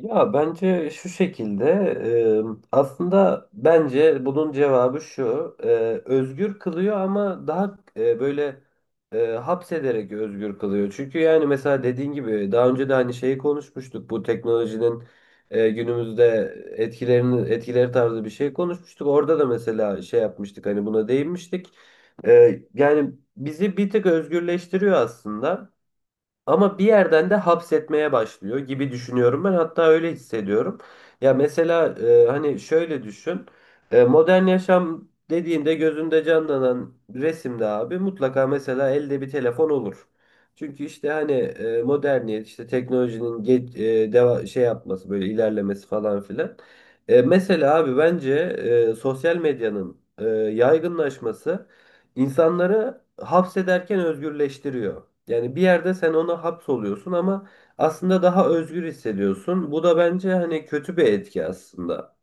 Ya bence şu şekilde aslında bence bunun cevabı şu özgür kılıyor ama daha böyle hapsederek özgür kılıyor. Çünkü yani mesela dediğin gibi daha önce de hani şeyi konuşmuştuk bu teknolojinin günümüzde etkileri tarzı bir şey konuşmuştuk. Orada da mesela şey yapmıştık hani buna değinmiştik. Yani bizi bir tık özgürleştiriyor aslında. Ama bir yerden de hapsetmeye başlıyor gibi düşünüyorum ben. Hatta öyle hissediyorum. Ya mesela hani şöyle düşün. Modern yaşam dediğinde gözünde canlanan resimde abi mutlaka mesela elde bir telefon olur. Çünkü işte hani moderniyet işte teknolojinin şey yapması böyle ilerlemesi falan filan. Mesela abi bence sosyal medyanın yaygınlaşması İnsanları hapsederken özgürleştiriyor. Yani bir yerde sen ona hapsoluyorsun ama aslında daha özgür hissediyorsun. Bu da bence hani kötü bir etki aslında.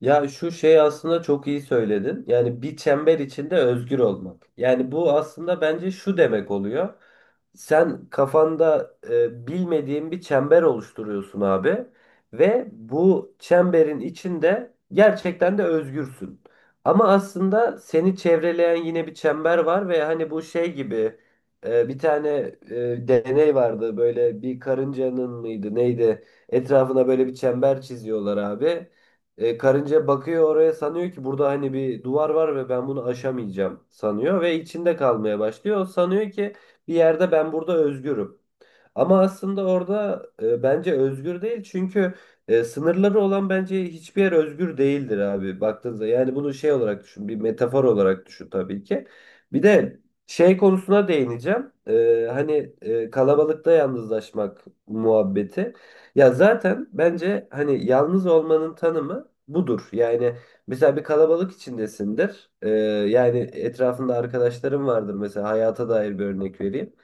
Ya şu şey aslında çok iyi söyledin. Yani bir çember içinde özgür olmak. Yani bu aslında bence şu demek oluyor. Sen kafanda bilmediğin bir çember oluşturuyorsun abi ve bu çemberin içinde gerçekten de özgürsün. Ama aslında seni çevreleyen yine bir çember var ve hani bu şey gibi bir tane deney vardı böyle bir karıncanın mıydı neydi etrafına böyle bir çember çiziyorlar abi. Karınca bakıyor, oraya sanıyor ki burada hani bir duvar var ve ben bunu aşamayacağım sanıyor ve içinde kalmaya başlıyor. O sanıyor ki bir yerde ben burada özgürüm. Ama aslında orada bence özgür değil, çünkü sınırları olan bence hiçbir yer özgür değildir abi, baktığınızda. Yani bunu şey olarak düşün, bir metafor olarak düşün tabii ki. Bir de şey konusuna değineceğim. Hani kalabalıkta yalnızlaşmak muhabbeti. Ya zaten bence hani yalnız olmanın tanımı budur. Yani mesela bir kalabalık içindesindir. Yani etrafında arkadaşlarım vardır, mesela hayata dair bir örnek vereyim.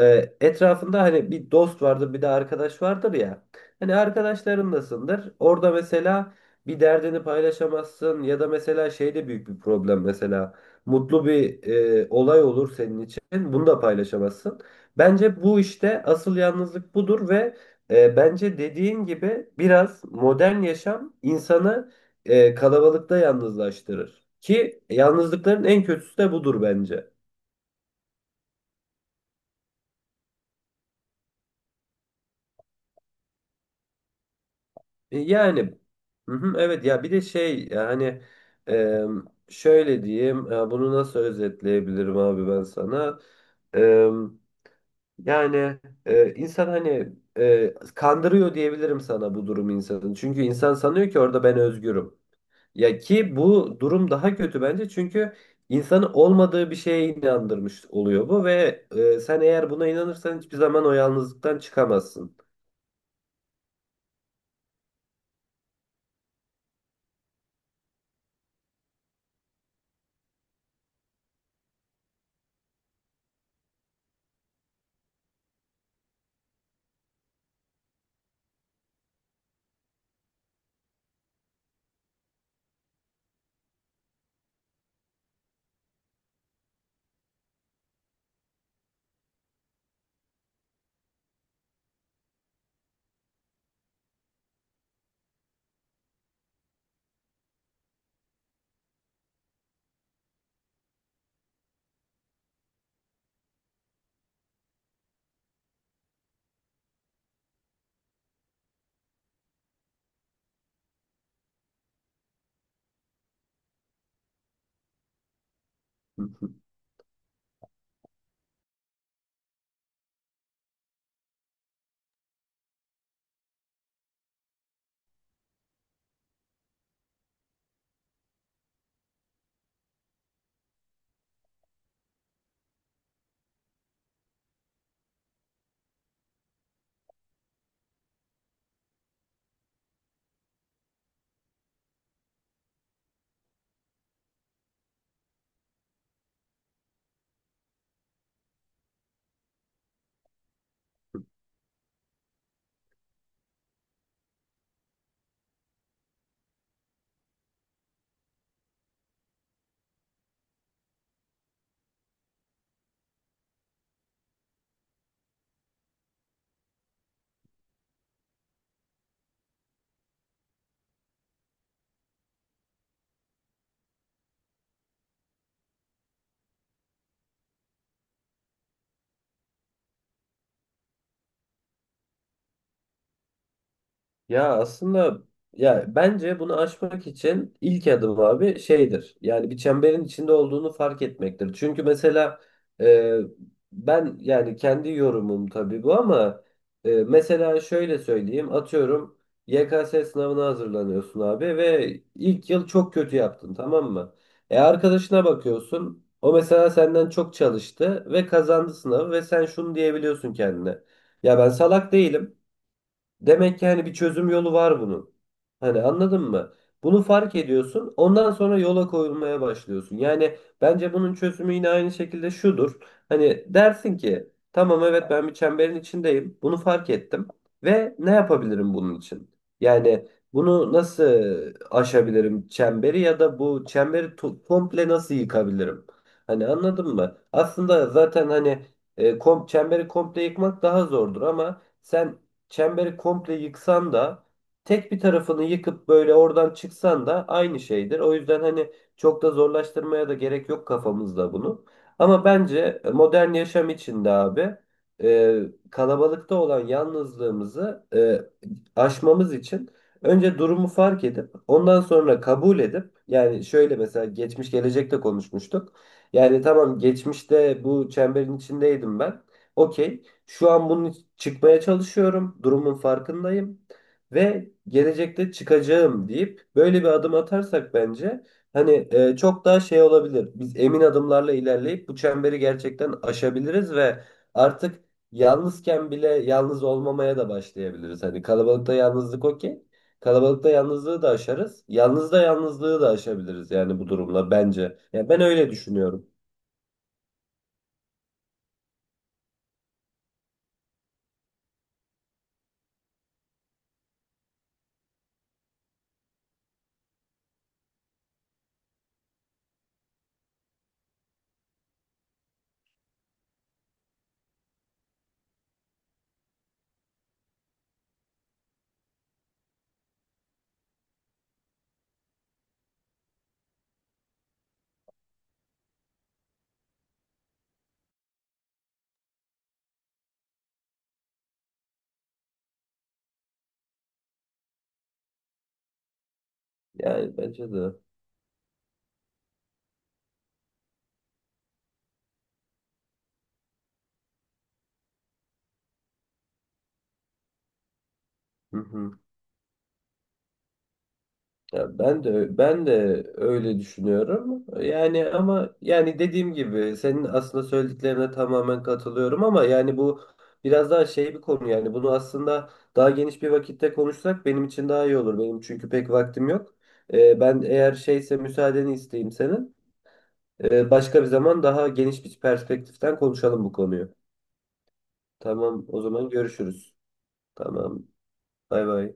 Etrafında hani bir dost vardır, bir de arkadaş vardır ya. Hani arkadaşlarındasındır. Orada mesela bir derdini paylaşamazsın ya da mesela şey de büyük bir problem mesela. Mutlu bir olay olur senin için. Bunu da paylaşamazsın. Bence bu işte asıl yalnızlık budur ve bence dediğin gibi biraz modern yaşam insanı kalabalıkta yalnızlaştırır. Ki yalnızlıkların en kötüsü de budur bence. Yani hı hı, evet, ya bir de şey yani e, şöyle diyeyim, bunu nasıl özetleyebilirim abi ben sana. E, Yani insan hani kandırıyor diyebilirim sana bu durum insanın, çünkü insan sanıyor ki orada ben özgürüm, ya ki bu durum daha kötü bence, çünkü insanı olmadığı bir şeye inandırmış oluyor bu ve sen eğer buna inanırsan hiçbir zaman o yalnızlıktan çıkamazsın. Ya aslında ya bence bunu aşmak için ilk adım abi şeydir. Yani bir çemberin içinde olduğunu fark etmektir. Çünkü mesela e, ben yani kendi yorumum tabii bu, ama mesela şöyle söyleyeyim, atıyorum YKS sınavına hazırlanıyorsun abi ve ilk yıl çok kötü yaptın, tamam mı? E arkadaşına bakıyorsun, o mesela senden çok çalıştı ve kazandı sınavı ve sen şunu diyebiliyorsun kendine. Ya ben salak değilim. Demek ki hani bir çözüm yolu var bunun. Hani anladın mı? Bunu fark ediyorsun. Ondan sonra yola koyulmaya başlıyorsun. Yani bence bunun çözümü yine aynı şekilde şudur. Hani dersin ki tamam evet ben bir çemberin içindeyim. Bunu fark ettim. Ve ne yapabilirim bunun için? Yani bunu nasıl aşabilirim çemberi ya da bu çemberi komple nasıl yıkabilirim? Hani anladın mı? Aslında zaten hani e, kom çemberi komple yıkmak daha zordur, ama sen çemberi komple yıksan da tek bir tarafını yıkıp böyle oradan çıksan da aynı şeydir. O yüzden hani çok da zorlaştırmaya da gerek yok kafamızda bunu. Ama bence modern yaşam içinde abi e, kalabalıkta olan yalnızlığımızı aşmamız için önce durumu fark edip ondan sonra kabul edip, yani şöyle mesela geçmiş gelecekte konuşmuştuk. Yani tamam geçmişte bu çemberin içindeydim ben. Okey. Şu an bunu çıkmaya çalışıyorum. Durumun farkındayım. Ve gelecekte çıkacağım deyip böyle bir adım atarsak bence hani çok daha şey olabilir. Biz emin adımlarla ilerleyip bu çemberi gerçekten aşabiliriz ve artık yalnızken bile yalnız olmamaya da başlayabiliriz. Hani kalabalıkta yalnızlık, okey. Kalabalıkta yalnızlığı da aşarız. Yalnız da yalnızlığı da aşabiliriz yani bu durumla, bence. Ya ben öyle düşünüyorum. Yani bence de. Hı hı. Ya ben de öyle düşünüyorum. Yani ama yani dediğim gibi senin aslında söylediklerine tamamen katılıyorum, ama yani bu biraz daha şey bir konu, yani bunu aslında daha geniş bir vakitte konuşsak benim için daha iyi olur. Benim çünkü pek vaktim yok. Ben eğer şeyse müsaadeni isteyeyim senin. Başka bir zaman daha geniş bir perspektiften konuşalım bu konuyu. Tamam, o zaman görüşürüz. Tamam. Bay bay.